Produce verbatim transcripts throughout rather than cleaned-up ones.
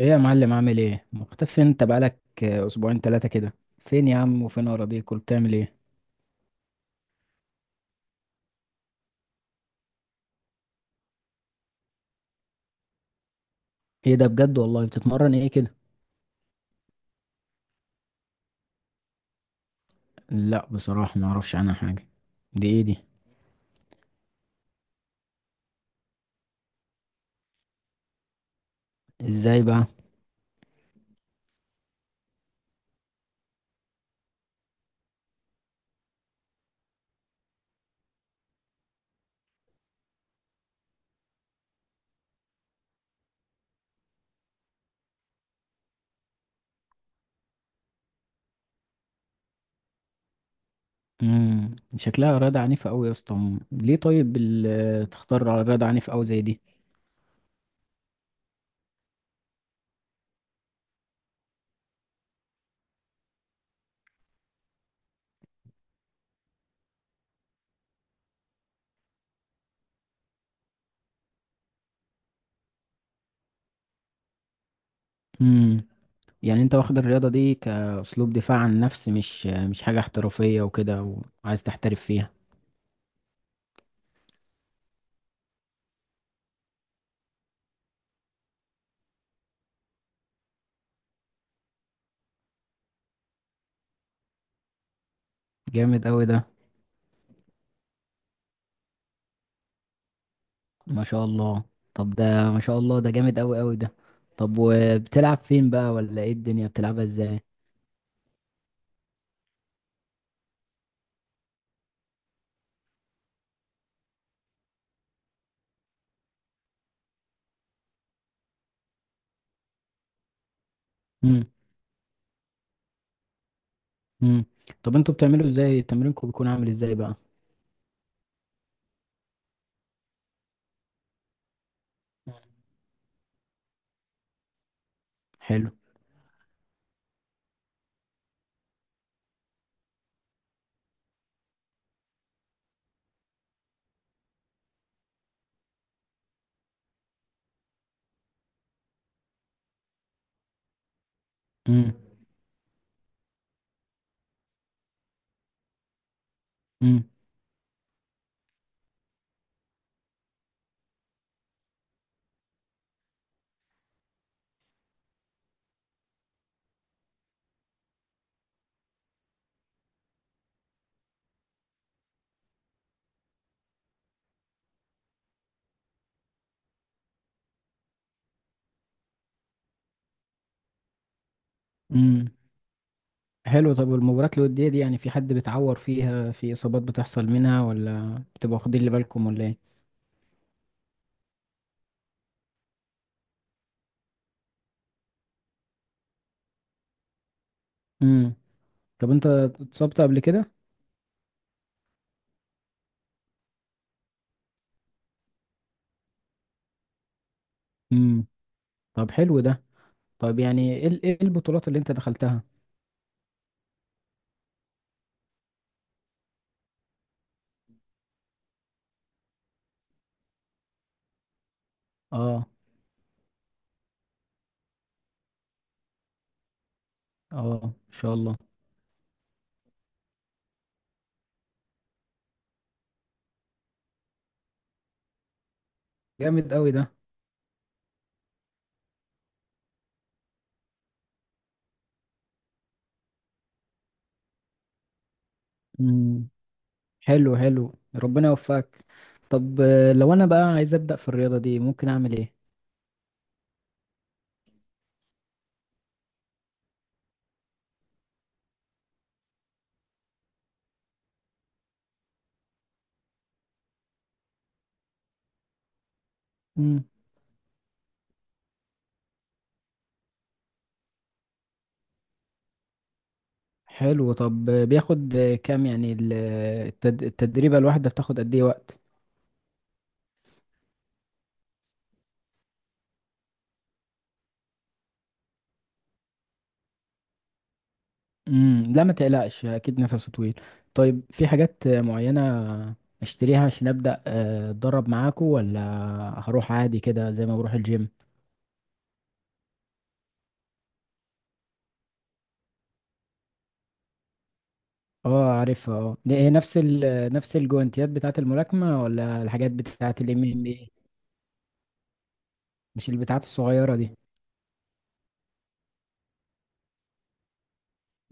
ايه يا معلم؟ عامل ايه؟ مختفي انت، بقالك آه، اسبوعين ثلاثة كده. فين يا عم؟ وفين اراضيك؟ وبتعمل ايه؟ ايه ده بجد؟ والله بتتمرن ايه كده؟ لا بصراحة ما اعرفش عنها حاجة. دي ايه دي؟ ازاي بقى؟ امم شكلها رياضة عنيفة قوي يا اسطى. مم. ليه طيب ال- آه، تختار على رياضة عنيفة قوي زي دي؟ امم يعني انت واخد الرياضة دي كاسلوب دفاع عن النفس، مش آه، مش حاجة احترافية وكده وعايز تحترف فيها؟ جامد قوي ده. ما شاء الله. طب ده ما شاء الله، ده جامد قوي قوي ده. طب وبتلعب فين بقى؟ ولا ايه الدنيا؟ بتلعبها ازاي؟ امم امم طب انتوا بتعملوا ازاي؟ تمرينكم بيكون عامل ازاي بقى؟ مم. حلو. امم امم امم حلو. طب والمباريات الودية دي، يعني في حد بيتعور فيها؟ في اصابات بتحصل منها؟ ولا بتبقوا واخدين اللي بالكم؟ ولا ايه؟ امم طب انت اتصبت قبل كده؟ امم طب حلو ده. طب يعني ايه ال- إيه البطولات اللي انت دخلتها؟ اه. اه، ما شاء الله. جامد قوي ده. مم. حلو حلو، ربنا يوفقك. طب آه، لو انا بقى عايز ابدا في الرياضه دي، ممكن اعمل ايه؟ امم حلو. طب آه، بياخد آه، كام؟ يعني ال- التد- التدريبه الواحده بتاخد قد ايه وقت؟ امم لا ما تقلقش، اكيد نفسه طويل. طيب في حاجات آه، معينه اشتريها عشان ابدا آه، اتدرب معاكو؟ ولا هروح عادي كده زي ما بروح الجيم؟ اه عارفها، اه. دي هي نفس ال نفس الجوانتيات بتاعه الملاكمه؟ ولا الحاجات بتاعه الام ام اي؟ مش البتاعات الصغيره دي؟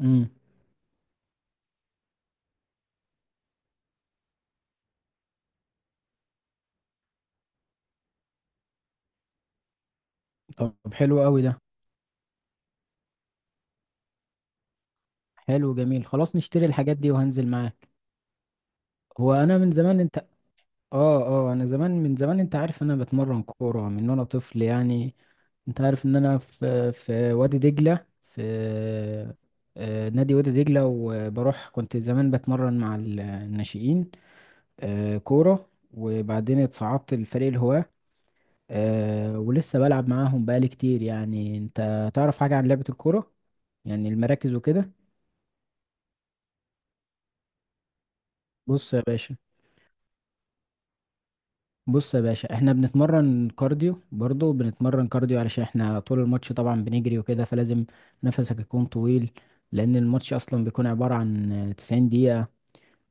امم طب حلو قوي ده. حلو جميل، خلاص نشتري الحاجات دي وهنزل معاك. هو انا من زمان، انت اه. اه، انا زمان، من زمان، انت عارف انا بتمرن كورة من وانا طفل يعني. انت عارف ان انا في في وادي دجلة، في آه، نادي وادي دجلة، وبروح كنت زمان بتمرن مع ال- الناشئين، آه، كورة، وبعدين اتصعدت لفريق الهواة، آه، ولسه بلعب معاهم بقالي كتير. يعني انت تعرف حاجة عن لعبة الكورة؟ يعني المراكز وكده. بص يا باشا، بص يا باشا، احنا بنتمرن كارديو، برضه بنتمرن كارديو علشان احنا طول الماتش طبعا بنجري وكده، فلازم نفسك يكون طويل، لان الماتش اصلا بيكون عبارة عن تسعين دقيقة.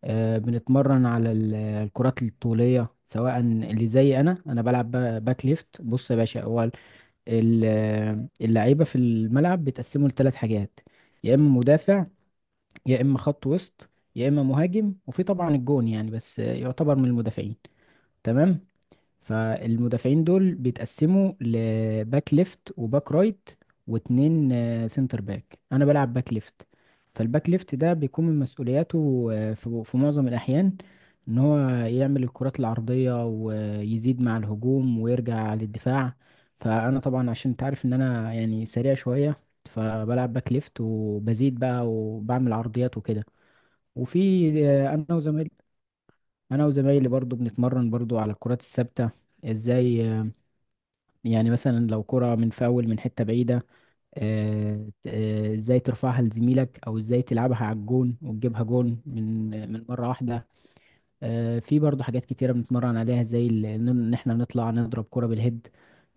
آه، بنتمرن على ال- الكرات الطولية، سواء اللي زي انا انا بلعب با- باك ليفت. بص يا باشا، هو ال- ال- اللعيبة في الملعب بيتقسموا لثلاث حاجات: يا اما مدافع، يا اما خط وسط، يا اما مهاجم، وفي طبعا الجون يعني، بس آه، يعتبر من المدافعين. تمام. فالمدافعين دول بيتقسموا لباك ليفت وباك رايت، واتنين آه، سنتر باك. انا بلعب باك ليفت، فالباك ليفت ده بيكون من مسؤولياته آه، في في معظم الاحيان ان هو يعمل الكرات العرضية ويزيد مع الهجوم ويرجع للدفاع. فانا طبعا عشان انت عارف ان انا يعني سريع شوية، فبلعب باك ليفت وبزيد بقى وبعمل عرضيات وكده. وفي آه، انا وزمايلي، انا وزمايلي برضو بنتمرن برضو على الكرات الثابتة. ازاي؟ آه، يعني مثلا لو كرة من فاول من حتة بعيدة، آه، ت- آه، ازاي ترفعها لزميلك، او ازاي تلعبها على الجون وتجيبها جون من من مرة واحدة. آه، في برضه حاجات كتيرة بنتمرن عليها، زي ال- ان إن احنا نطلع نضرب كرة بالهيد.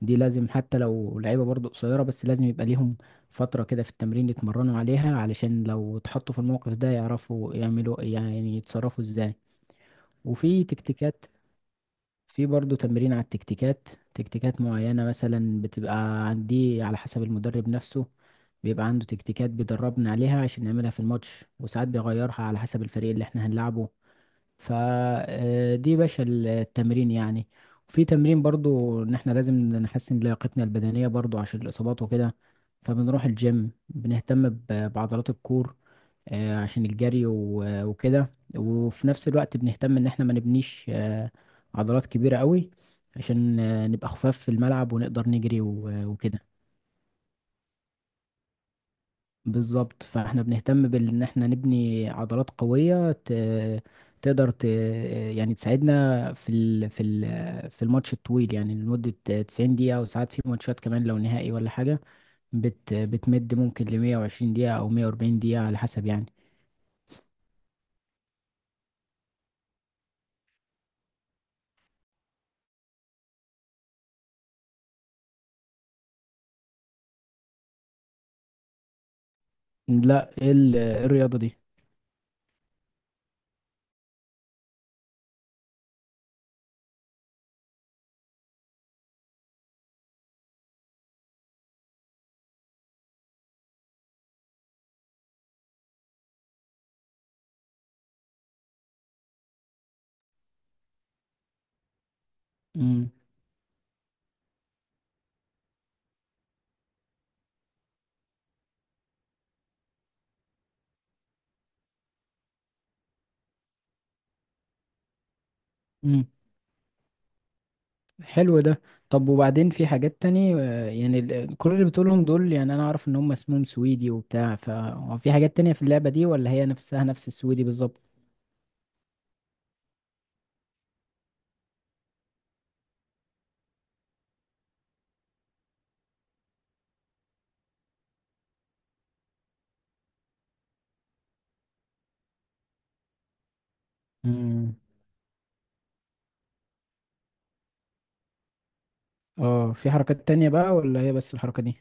دي لازم حتى لو لعيبة برضه قصيرة، بس لازم يبقى ليهم فترة كده في التمرين يتمرنوا عليها، علشان لو اتحطوا في الموقف ده يعرفوا يعملوا، يعني يتصرفوا ازاي. وفي تكتيكات، في برضو تمرين على التكتيكات. تكتيكات معينة مثلا بتبقى عندي، على حسب المدرب نفسه بيبقى عنده تكتيكات بيدربنا عليها عشان نعملها في الماتش، وساعات بيغيرها على حسب الفريق اللي احنا هنلعبه. فدي باشا التمرين يعني. وفي تمرين برضو ان احنا لازم نحسن لياقتنا البدنية برضو عشان الإصابات وكده، فبنروح الجيم بنهتم ب- بعضلات الكور، آه، عشان الجري و- وكده. وفي نفس الوقت بنهتم ان احنا ما نبنيش آه، عضلات كبيرة قوي، عشان آه، نبقى خفاف في الملعب ونقدر نجري و- وكده. بالظبط، فاحنا بنهتم بان احنا نبني عضلات قوية ت- تقدر ت... يعني تساعدنا في ال... في ال... في الماتش الطويل، يعني لمدة تسعين دقيقة، وساعات في ماتشات كمان لو نهائي ولا حاجة بت... بتمد ممكن ل مية وعشرين دقيقة او مية واربعين دقيقة، على حسب يعني. لا، ايه ال- إيه الرياضة دي؟ مم. مم. حلو ده. طب وبعدين في حاجات تانية آه، يعني ال- كل اللي بتقولهم دول، يعني انا اعرف ان هم اسمهم سويدي وبتاع، ففي حاجات تانية في اللعبة دي؟ ولا هي نفسها نفس السويدي بالظبط؟ امم اه، في حركات تانية بقى؟ ولا هي بس الحركة دي؟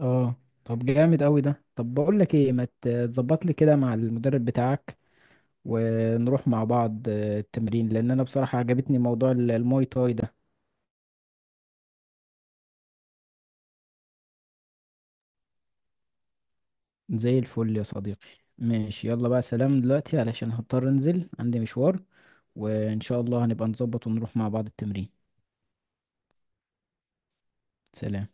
اه. طب جامد قوي ده. طب بقول لك ايه، ما ت- تظبط لي كده مع المدرب بتاعك، ونروح مع بعض آه، التمرين، لان انا بصراحة عجبتني موضوع ال- الماي تاي ده. زي الفل يا صديقي. ماشي، يلا بقى سلام دلوقتي، علشان هضطر انزل عندي مشوار، وان شاء الله هنبقى نظبط ونروح مع بعض التمرين. سلام.